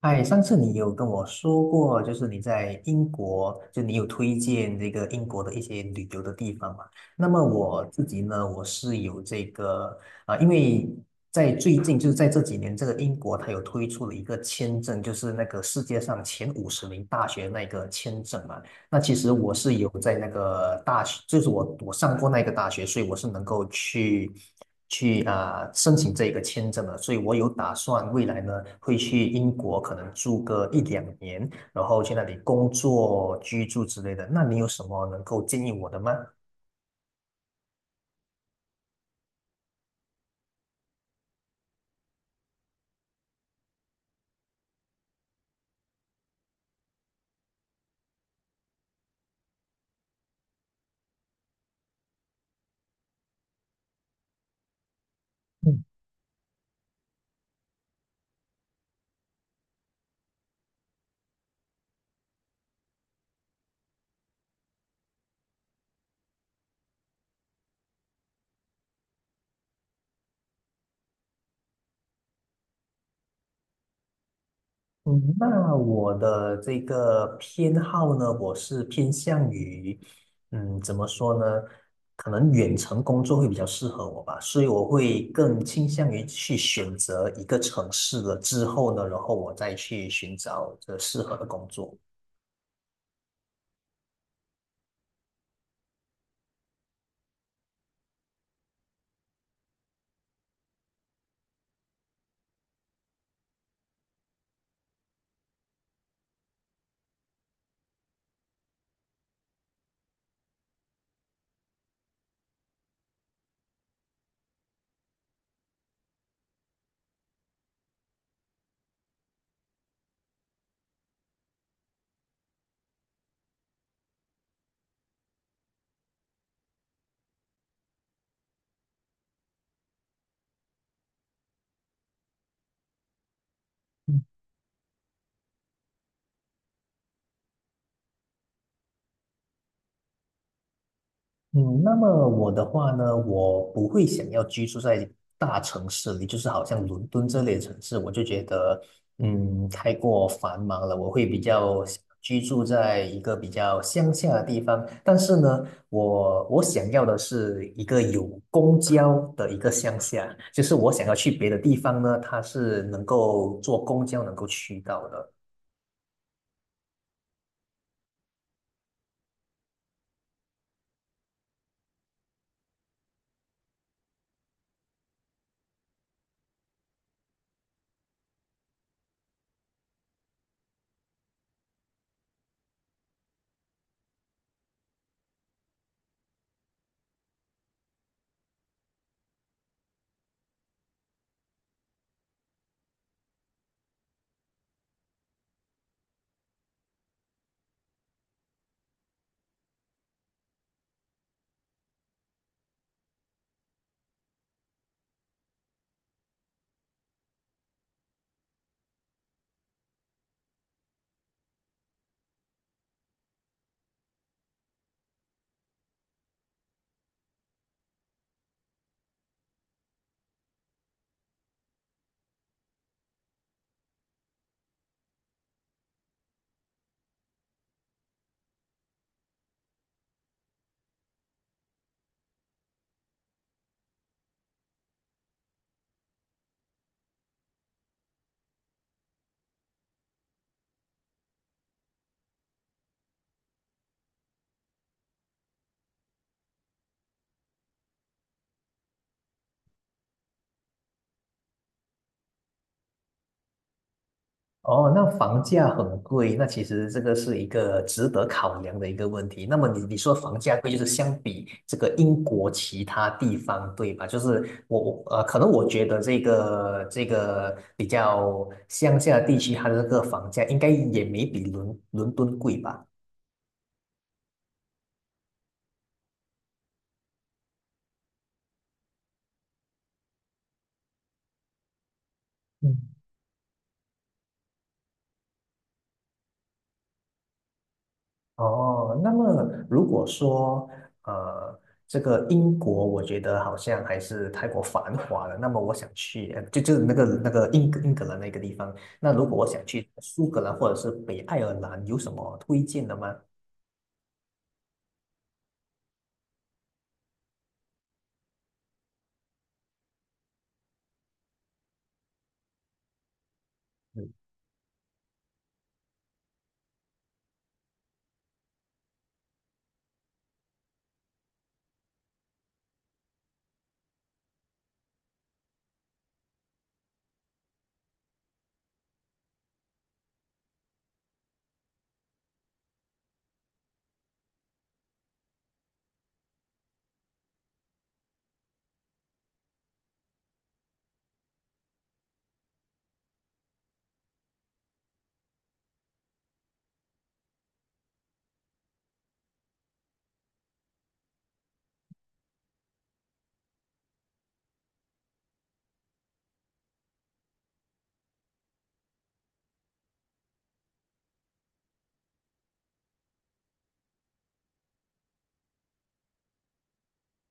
哎，上次你有跟我说过，就是你在英国，就你有推荐这个英国的一些旅游的地方嘛？那么我自己呢，我是有这个因为在最近就是在这几年，这个英国它有推出了一个签证，就是那个世界上前50名大学那个签证嘛。那其实我是有在那个大学，就是我上过那个大学，所以我是能够去申请这个签证的，所以我有打算未来呢会去英国，可能住个一两年，然后去那里工作、居住之类的。那你有什么能够建议我的吗？嗯，那我的这个偏好呢，我是偏向于，嗯，怎么说呢？可能远程工作会比较适合我吧，所以我会更倾向于去选择一个城市了之后呢，然后我再去寻找这适合的工作。嗯，那么我的话呢，我不会想要居住在大城市里，就是好像伦敦这类的城市，我就觉得，嗯，太过繁忙了。我会比较想居住在一个比较乡下的地方，但是呢，我想要的是一个有公交的一个乡下，就是我想要去别的地方呢，它是能够坐公交能够去到的。哦，那房价很贵，那其实这个是一个值得考量的一个问题。那么你说房价贵，就是相比这个英国其他地方，对吧？就是我，可能我觉得这个比较乡下地区，它的这个房价应该也没比伦敦贵吧？嗯。哦，那么如果说呃，这个英国，我觉得好像还是太过繁华了。那么我想去，就是那个英格兰那个地方。那如果我想去苏格兰或者是北爱尔兰，有什么推荐的吗？嗯。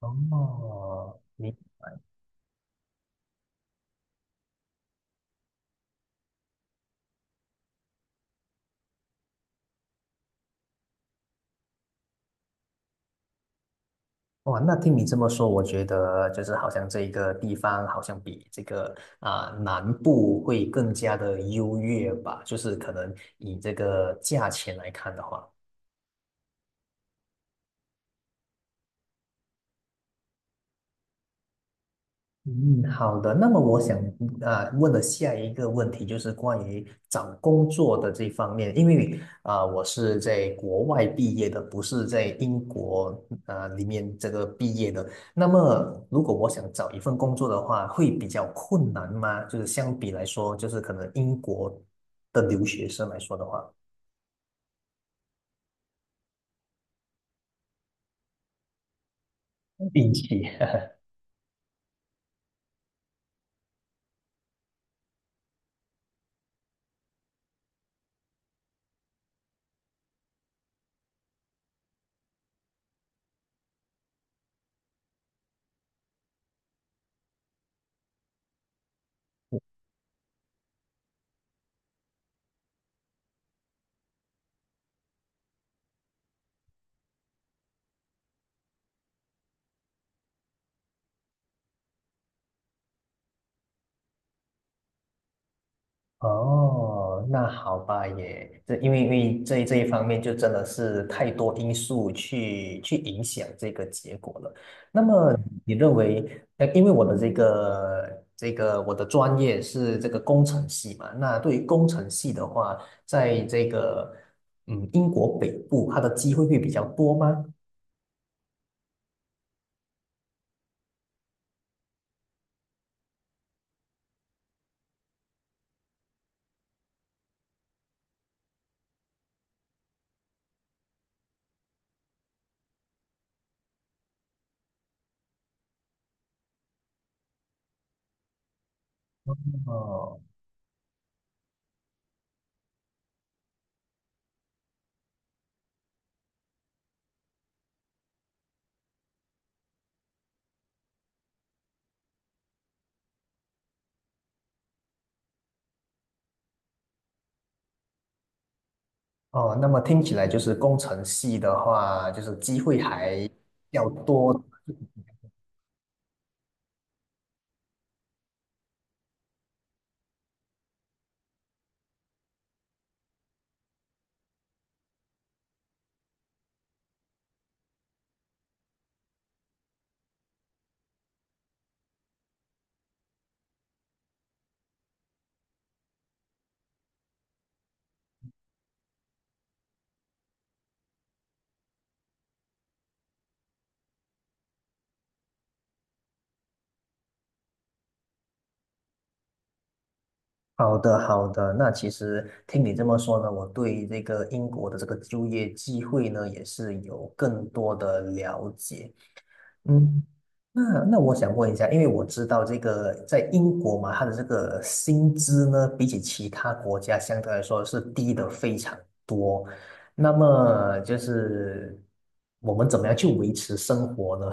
哦，你哇，那听你这么说，我觉得就是好像这一个地方好像比这个南部会更加的优越吧，就是可能以这个价钱来看的话。嗯，好的。那么我想问的下一个问题就是关于找工作的这方面，因为我是在国外毕业的，不是在英国里面这个毕业的。那么如果我想找一份工作的话，会比较困难吗？就是相比来说，就是可能英国的留学生来说的话，运气。哦，那好吧也，这因为因为这这一方面就真的是太多因素去去影响这个结果了。那么你认为，呃，因为我的这个这个我的专业是这个工程系嘛，那对于工程系的话，在这个嗯英国北部，它的机会会比较多吗？哦。哦，那么听起来就是工程系的话，就是机会还要多。好的，好的。那其实听你这么说呢，我对这个英国的这个就业机会呢，也是有更多的了解。嗯，那那我想问一下，因为我知道这个在英国嘛，它的这个薪资呢，比起其他国家相对来说是低的非常。那么就是我们怎么样去维持生活呢？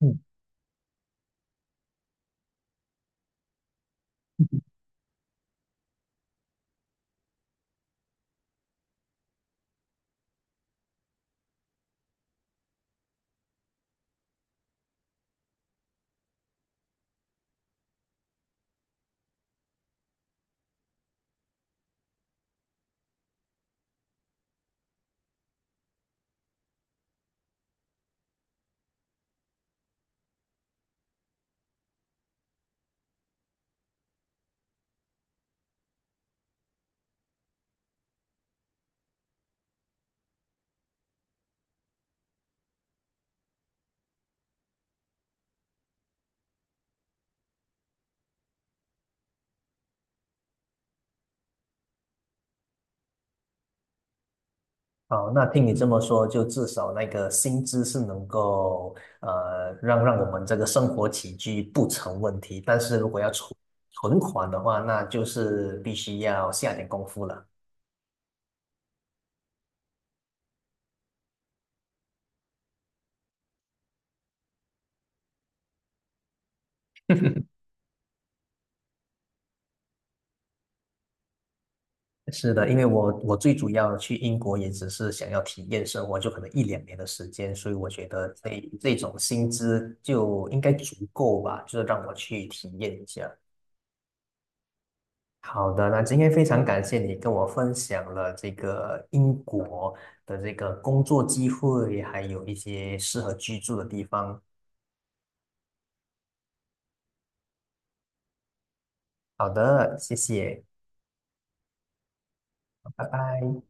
哦，那听你这么说，就至少那个薪资是能够让我们这个生活起居不成问题，但是如果要存款的话，那就是必须要下点功夫了。是的，因为我最主要去英国也只是想要体验生活，就可能一两年的时间，所以我觉得这种薪资就应该足够吧，就是让我去体验一下。好的，那今天非常感谢你跟我分享了这个英国的这个工作机会，还有一些适合居住的地方。好的，谢谢，拜拜。